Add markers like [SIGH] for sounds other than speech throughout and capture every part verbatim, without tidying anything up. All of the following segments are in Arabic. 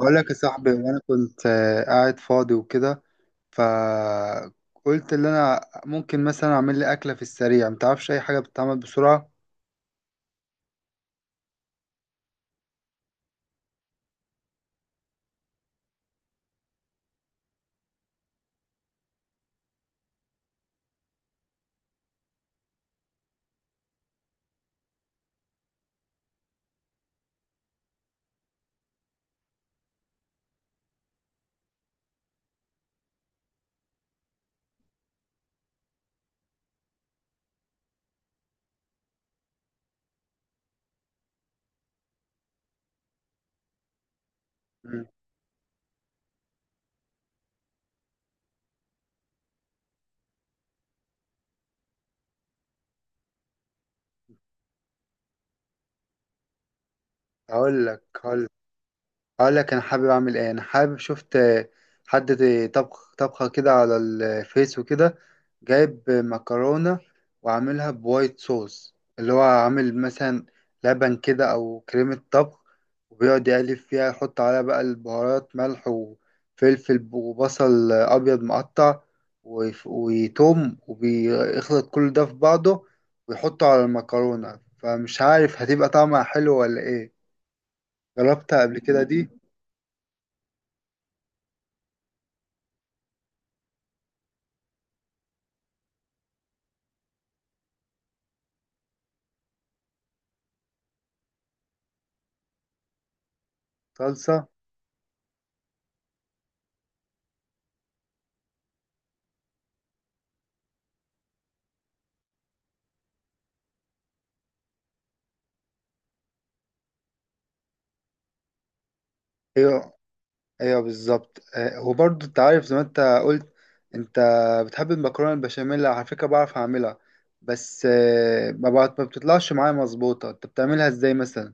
بقول لك يا صاحبي، وانا كنت آه، قاعد فاضي وكده. فقلت ان انا ممكن مثلا اعمل لي اكله في السريع. متعرفش اي حاجه بتتعمل بسرعه؟ مم. هقول لك اقول لك انا حابب اعمل ايه. انا حابب شفت آه، حد ت- طبخ طبخه كده على الفيس وكده، جايب مكرونه وعاملها بوايت صوص، اللي هو عامل مثلا لبن كده او كريمه طبخ، وبيقعد يقلب فيها، يحط عليها بقى البهارات، ملح وفلفل وبصل ابيض مقطع وف- وتوم، وبيخلط كل ده في بعضه ويحطه على المكرونه. فمش عارف هتبقى طعمها حلو ولا ايه. جربتها قبل كده دي؟ صلصه. ايوه، ايوه، بالظبط. آه، وبرضه انت عارف، زي ما انت قلت، انت بتحب المكرونه البشاميل. على فكره بعرف اعملها، بس آه، ما بقت- ما بتطلعش معايا مظبوطه. انت بتعملها ازاي مثلا؟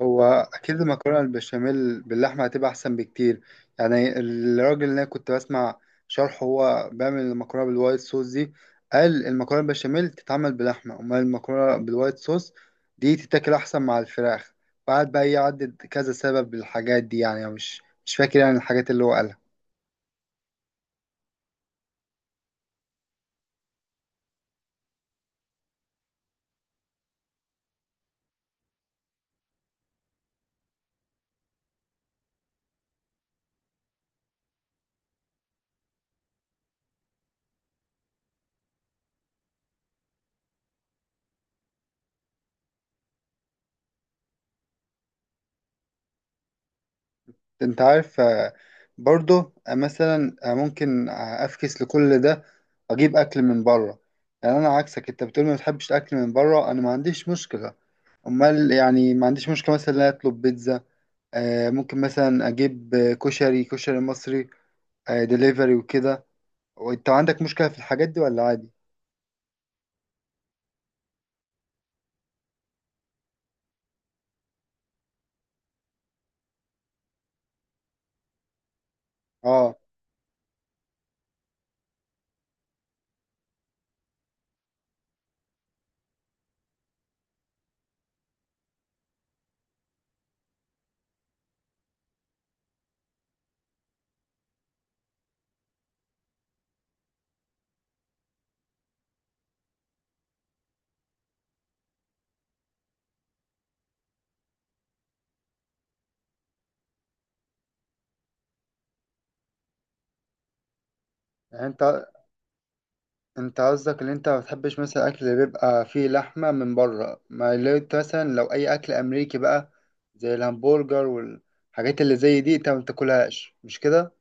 هو اكيد المكرونه البشاميل باللحمه هتبقى احسن بكتير. يعني الراجل اللي انا كنت بسمع شرحه، هو بيعمل المكرونه بالوايت صوص دي. قال المكرونه البشاميل تتعمل بلحمه، امال المكرونه بالوايت صوص دي تتاكل احسن مع الفراخ. وقعد بقى يعدد كذا سبب للحاجات دي. يعني أنا مش مش فاكر يعني الحاجات اللي هو قالها. انت عارف، آه، برضه آه، مثلا آه، ممكن آه، افكس لكل ده، اجيب اكل من بره. يعني انا عكسك، انت بتقول ما بتحبش الاكل من بره، انا ما عنديش مشكله. امال، يعني ما عنديش مشكله مثلا ان أنا اطلب بيتزا. آه، ممكن مثلا اجيب آه، كشري كشري مصري دليفري وكده. وانت عندك مشكله في الحاجات دي ولا عادي؟ اه. يعني انت انت قصدك ان انت ما بتحبش مثلا اكل اللي بيبقى فيه لحمه من بره؟ ما اللي انت مثلا لو اي اكل امريكي بقى زي الهمبرجر والحاجات اللي زي دي، انت ما بتاكلهاش، مش كده؟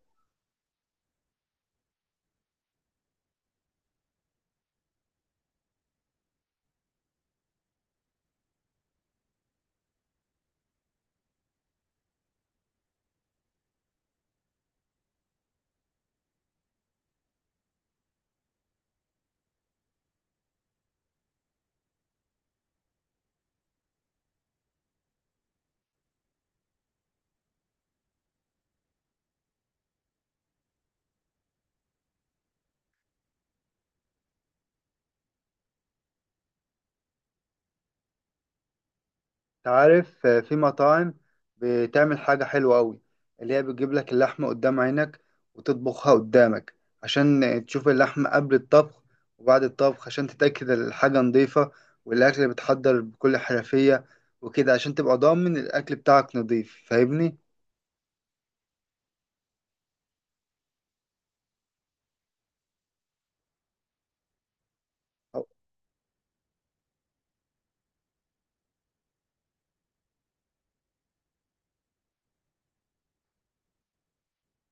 انت عارف، آه، في مطاعم بتعمل حاجه حلوه قوي، اللي هي بتجيب لك اللحمه قدام عينك وتطبخها قدامك، عشان تشوف اللحمه قبل الطبخ وبعد الطبخ، عشان تتاكد الحاجه نظيفه والاكل بيتحضر بكل حرفيه وكده، عشان تبقى ضامن الاكل بتاعك نظيف. فاهمني؟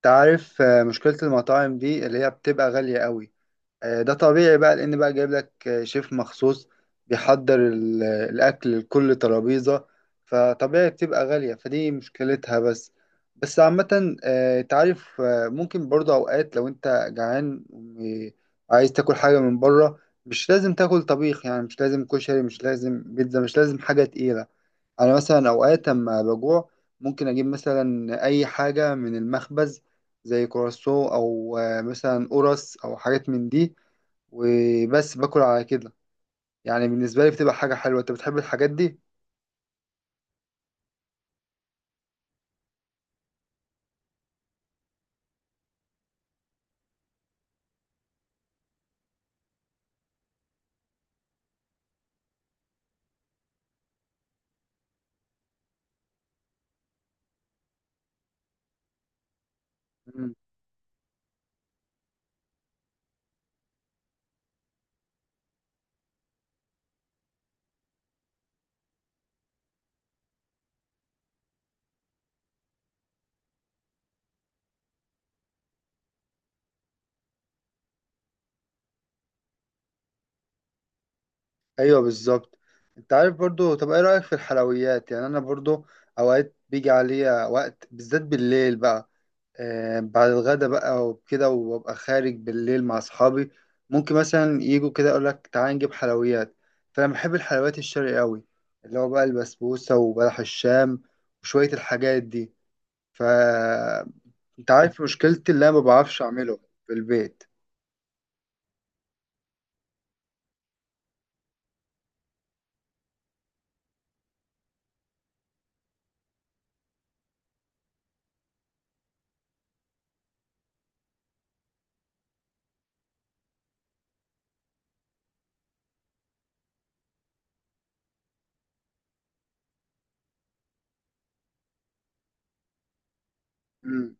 تعرف، آه، مشكلة المطاعم دي اللي هي بتبقى غالية قوي. آه، ده طبيعي بقى، لأن بقى جايب لك آه، شيف مخصوص بيحضر ال- الأكل لكل ترابيزة، فطبيعي بتبقى غالية. فدي مشكلتها بس. بس عامة، آه، تعرف، آه، ممكن برضه أوقات لو أنت جعان وعايز تاكل حاجة من بره، مش لازم تاكل طبيخ. يعني مش لازم كشري، مش لازم بيتزا، مش لازم حاجة تقيلة. انا مثلا اوقات اما بجوع، ممكن اجيب مثلا اي حاجه من المخبز، زي كرواسون او آه، مثلا قرص او حاجات من دي، وبس باكل على كده. يعني بالنسبه لي بتبقى حاجه حلوه. انت بتحب الحاجات دي؟ مم. ايوه، بالظبط. انت عارف برضو، طب ايه رايك في الحلويات؟ يعني انا برضو اوقات بيجي عليا وقت، بالذات بالليل بقى، آه، بعد الغدا بقى وكده، وابقى خارج بالليل مع اصحابي، ممكن مثلا يجوا كده اقول لك تعالى نجيب حلويات. فانا بحب الحلويات الشرقي قوي، اللي هو بقى البسبوسه وبلح الشام وشويه الحاجات دي. ف انت عارف مشكلتي، اللي انا ما بعرفش اعمله في البيت. امم.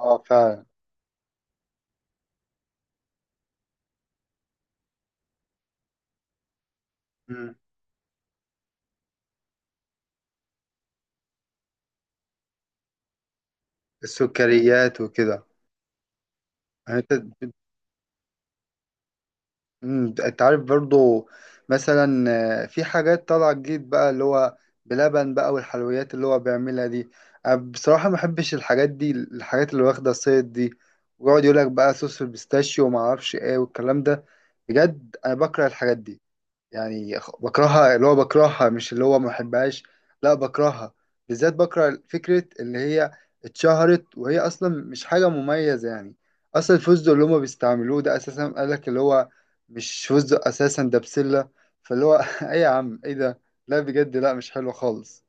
اه، فعلا. امم السكريات وكده. يعني انت مم، انت عارف برضو مثلا، آه، في حاجات طالعة جديد بقى، اللي هو بلبن بقى والحلويات اللي هو بيعملها دي. أنا بصراحة ما بحبش الحاجات دي، الحاجات اللي واخدة الصيد دي، ويقعد يقولك بقى صوص البيستاشيو وما اعرفش ايه والكلام ده. بجد انا بكره الحاجات دي. يعني خ- بكرهها، اللي هو بكرهها مش اللي هو ما بحبهاش. لا، بكرهها. بالذات بكره فكرة اللي هي اتشهرت وهي أصلا مش حاجة مميزة يعني. أصلا الفستق اللي هما بيستعملوه ده أساسا، قالك اللي هو مش فستق أساسا، ده بسلة. فاللي هو [LAUGHS] إيه يا عم، إيه ده؟ لا، بجد، لا، مش حلو خالص.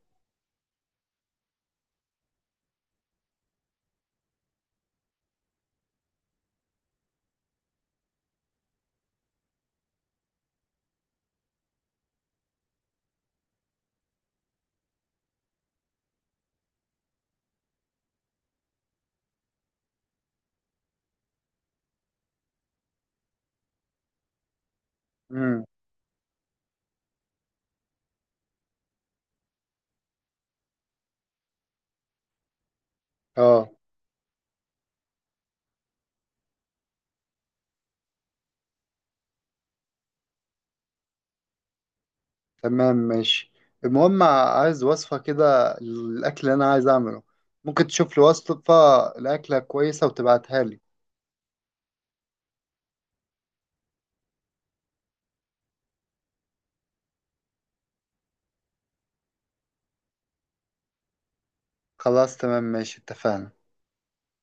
امم. اه. تمام، ماشي. المهم عايز وصفة كده للأكل اللي أنا عايز أعمله. ممكن تشوف لي وصفة لأكلة كويسة وتبعتها لي؟ خلاص، تمام، ماشي، اتفقنا.